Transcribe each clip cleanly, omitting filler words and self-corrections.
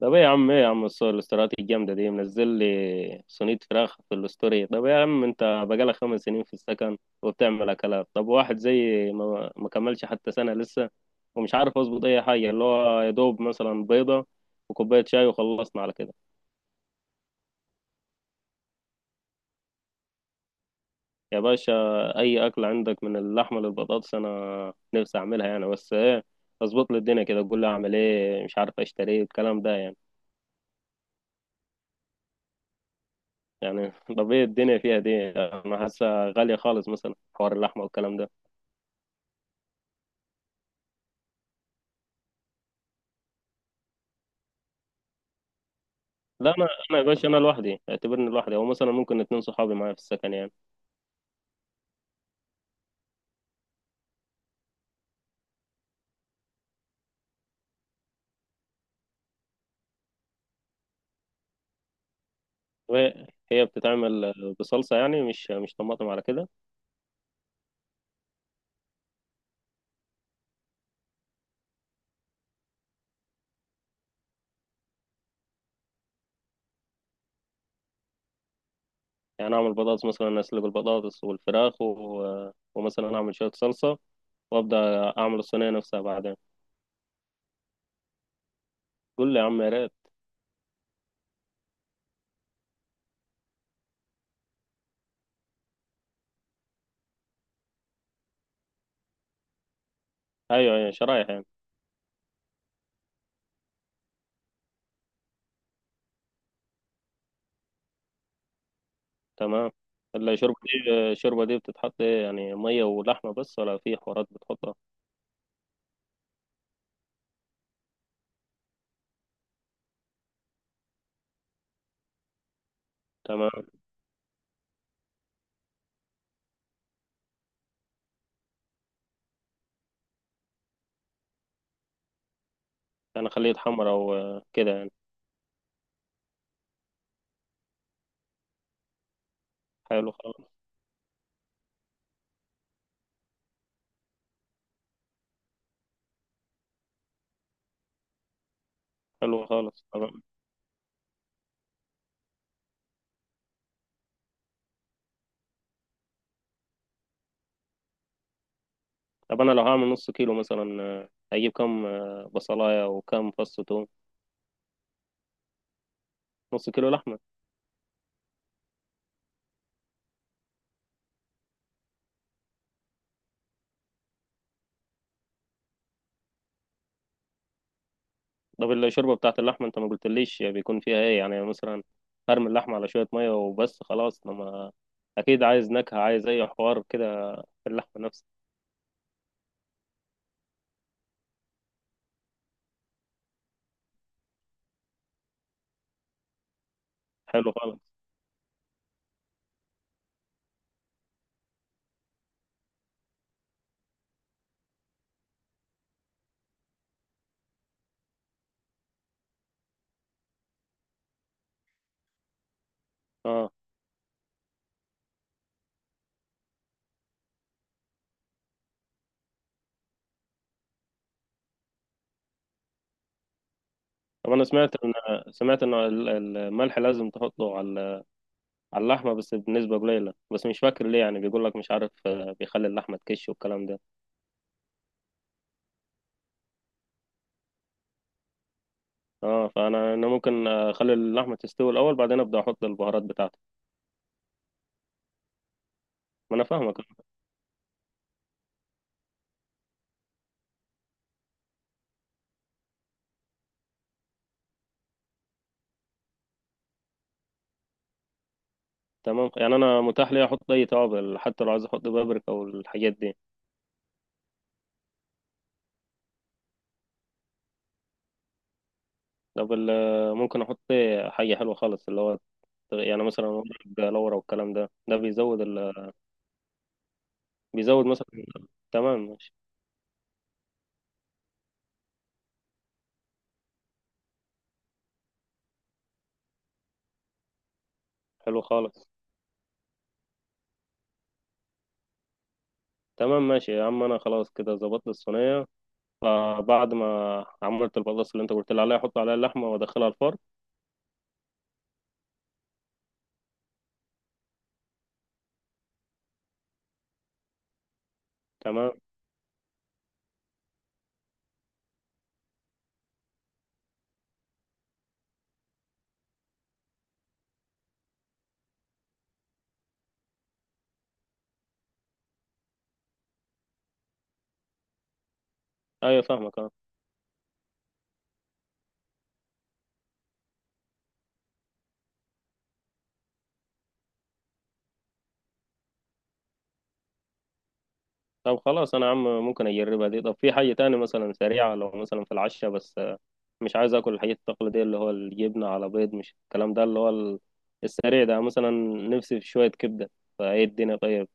طب ايه يا عم الصور الاستراتيجية الجامدة دي منزل لي صينية فراخ في الستوري. طب يا عم انت بقالك 5 سنين في السكن وبتعمل اكلات؟ طب واحد زي ما كملش حتى سنة لسه ومش عارف اظبط اي حاجة، اللي هو يا دوب مثلا بيضة وكوباية شاي وخلصنا على كده. يا باشا، اي اكل عندك من اللحمة للبطاطس انا نفسي اعملها يعني، بس ايه، اظبط لي الدنيا كده، قول لي اعمل ايه، مش عارف اشتري ايه، الكلام ده يعني طب ايه الدنيا فيها دي، انا حاسة غالية خالص، مثلا حوار اللحمة والكلام ده. لا، انا يا باشا، انا لوحدي، اعتبرني لوحدي، او مثلا ممكن 2 صحابي معايا في السكن يعني. وهي بتتعمل بصلصه يعني، مش طماطم على كده؟ يعني اعمل بطاطس مثلا، اسلق البطاطس والفراخ و... ومثلا اعمل شويه صلصه وابدا اعمل الصينيه نفسها بعدين. قول لي يا عم، يا ريت. ايوه ايوه، شرايح يعني. تمام. الشوربه دي بتتحط ايه يعني؟ ميه ولحمه بس ولا في حوارات بتحطها؟ تمام، يعني خليه يتحمر او كده يعني. حلو خالص. حلو خالص، تمام. طب انا لو هعمل نص كيلو مثلا، هجيب كام بصلايه وكام فص توم؟ نص كيلو لحمه. طب الشوربه بتاعت اللحمه انت ما قلتليش بيكون فيها ايه يعني، مثلا هرمي اللحمه على شويه ميه وبس خلاص، لما اكيد عايز نكهه، عايز اي حوار كده في اللحمه نفسها. حلو خالص. اه. طب انا سمعت ان الملح لازم تحطه على على اللحمه بس بنسبه قليله، بس مش فاكر ليه، يعني بيقول لك مش عارف، بيخلي اللحمه تكش والكلام ده. اه، فانا ممكن اخلي اللحمه تستوي الاول بعدين ابدا احط البهارات بتاعتي. ما انا فاهمك. تمام، يعني انا متاح لي احط اي توابل حتى لو عايز احط بابريكا والحاجات دي. طب ممكن احط إيه؟ حاجه حلوه خالص اللي هو يعني مثلا ورق لورا والكلام ده، ده بيزود ال... بيزود مثلا. تمام، ماشي. حلو خالص. تمام ماشي يا عم، انا خلاص كده ظبطت الصينيه. فبعد ما عملت البطاطس اللي انت قلت لي عليها، احط عليها اللحمه وادخلها الفرن؟ تمام. ايوه فاهمك، آه. طب خلاص انا عم، ممكن اجربها دي. طب في حاجة تاني مثلا سريعة، لو مثلا في العشاء بس، مش عايز اكل الحاجات التقليدية اللي هو الجبنة على بيض، مش الكلام ده اللي هو السريع ده مثلا. نفسي في شوية كبدة، فايه الدنيا طيب؟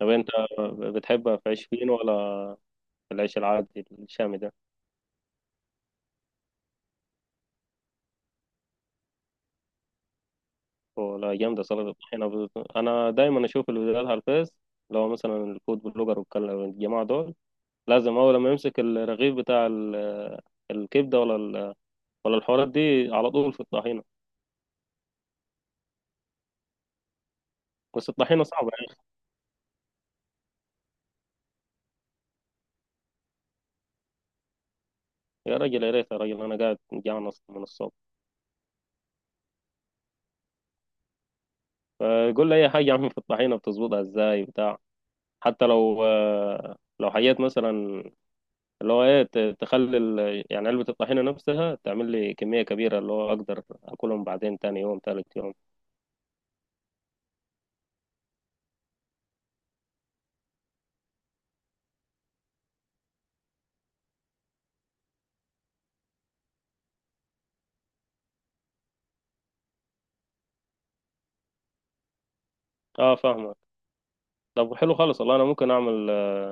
طب انت بتحبها في عيش فين، ولا في العيش العادي الشامي ده؟ ولا جامدة سلطة الطحينة؟ انا دايما اشوف الفيديوهات على الفيس، اللي هو مثلا الفود بلوجر والجماعة دول لازم اول ما يمسك الرغيف بتاع الكبدة ولا ولا الحوارات دي على طول في الطحينة. بس الطحينة صعبة يا أخي. يا راجل يا ريت، يا راجل أنا قاعد جعان أصلا من الصبح. فقول لي أي حاجة عم، في الطحينة بتظبطها إزاي بتاع؟ حتى لو لو حاجات مثلا اللي هو إيه، تخلي يعني علبة الطحينة نفسها تعمل لي كمية كبيرة، اللي هو أقدر أكلهم بعدين تاني يوم تالت يوم. أه فاهمك. طب حلو خالص، والله أنا ممكن أعمل،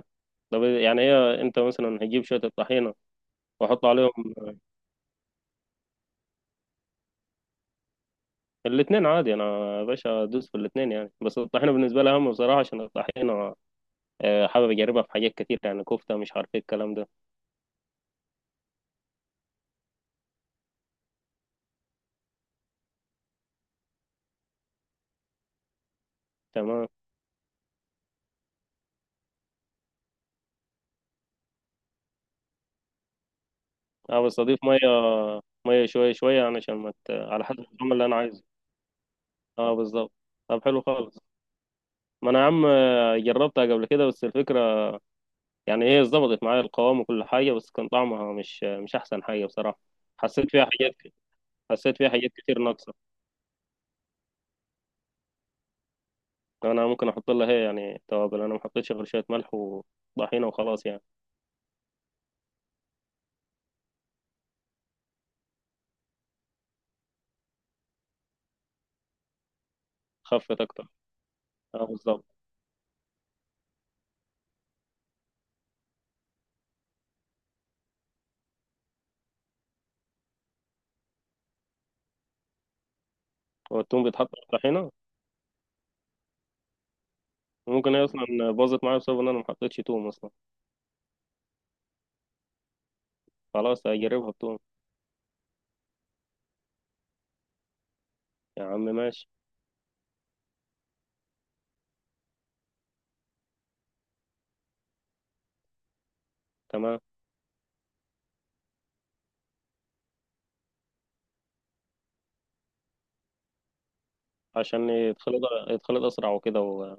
طب يعني هي، أنت مثلا هتجيب شوية الطحينة وأحط عليهم. الاتنين عادي، أنا يا باشا أدوس في الاتنين يعني، بس الطحينة بالنسبة لي أهم بصراحة، عشان الطحينة حابب اجربها في حاجات كتير، يعني كفته، مش عارف ايه الكلام ده. تمام. اه، بس اضيف ميه، ميه شويه شويه يعني، عشان ما على حسب الطعم اللي انا عايزه. اه بالظبط. طب حلو خالص. ما انا يا عم، جربتها قبل كده بس الفكره، يعني هي ظبطت معايا القوام وكل حاجه بس كان طعمها مش احسن حاجه بصراحه. حسيت فيها حاجات، حسيت فيها حاجات كتير ناقصه. انا ممكن احط لها هي يعني توابل، انا ما حطيتش غير شويه ملح وطحينه وخلاص يعني. خفت اكتر. اه بالظبط. والثوم بيتحط في الطحينه؟ ممكن هي اصلا باظت معايا بسبب ان انا ما حطيتش توم اصلا. خلاص هجربها بتوم. يا عم ماشي. تمام، عشان يتخلط، يتخلط اسرع وكده و...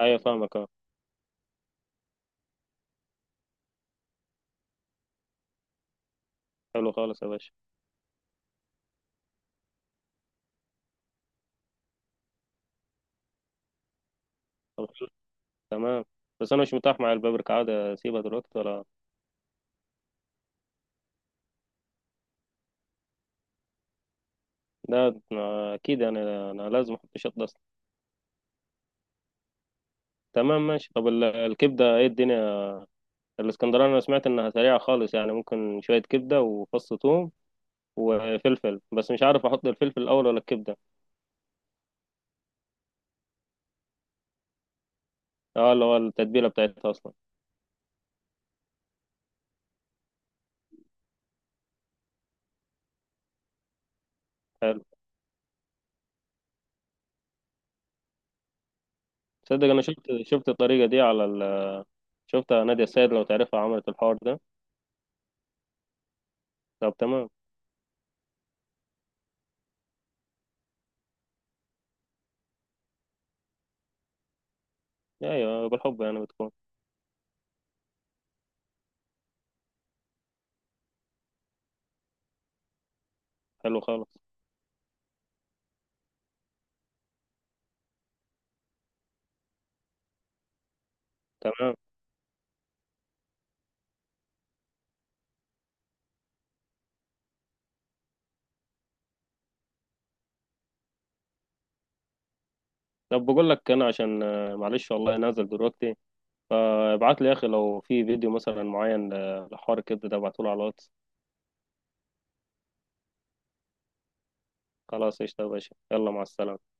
ايوه فاهمك، اه. حلو خالص يا باشا. طب حلو، تمام، بس انا مش متاح مع البابريكا، عادي اسيبها دلوقتي ولا؟ ده أنا- اكيد انا لازم احط شطه اصلا. تمام ماشي. طب الكبده ايه الدنيا؟ الاسكندراني انا سمعت انها سريعه خالص، يعني ممكن شويه كبده وفص ثوم وفلفل، بس مش عارف احط الفلفل الاول ولا الكبده. اه اللي هو التتبيله بتاعتها اصلا. تصدق انا شفت الطريقه دي على ال... شفتها نادية السيد لو تعرفها، عملت الحوار ده. طب تمام. ايوه، بالحب يعني بتكون. حلو خالص. تمام. طب بقول لك انا عشان معلش والله نازل دلوقتي. فابعت لي يا اخي لو في فيديو مثلا معين، لحوار الكبد ده، ابعته له على الواتس. خلاص قشطه يا باشا، يلا مع السلامه.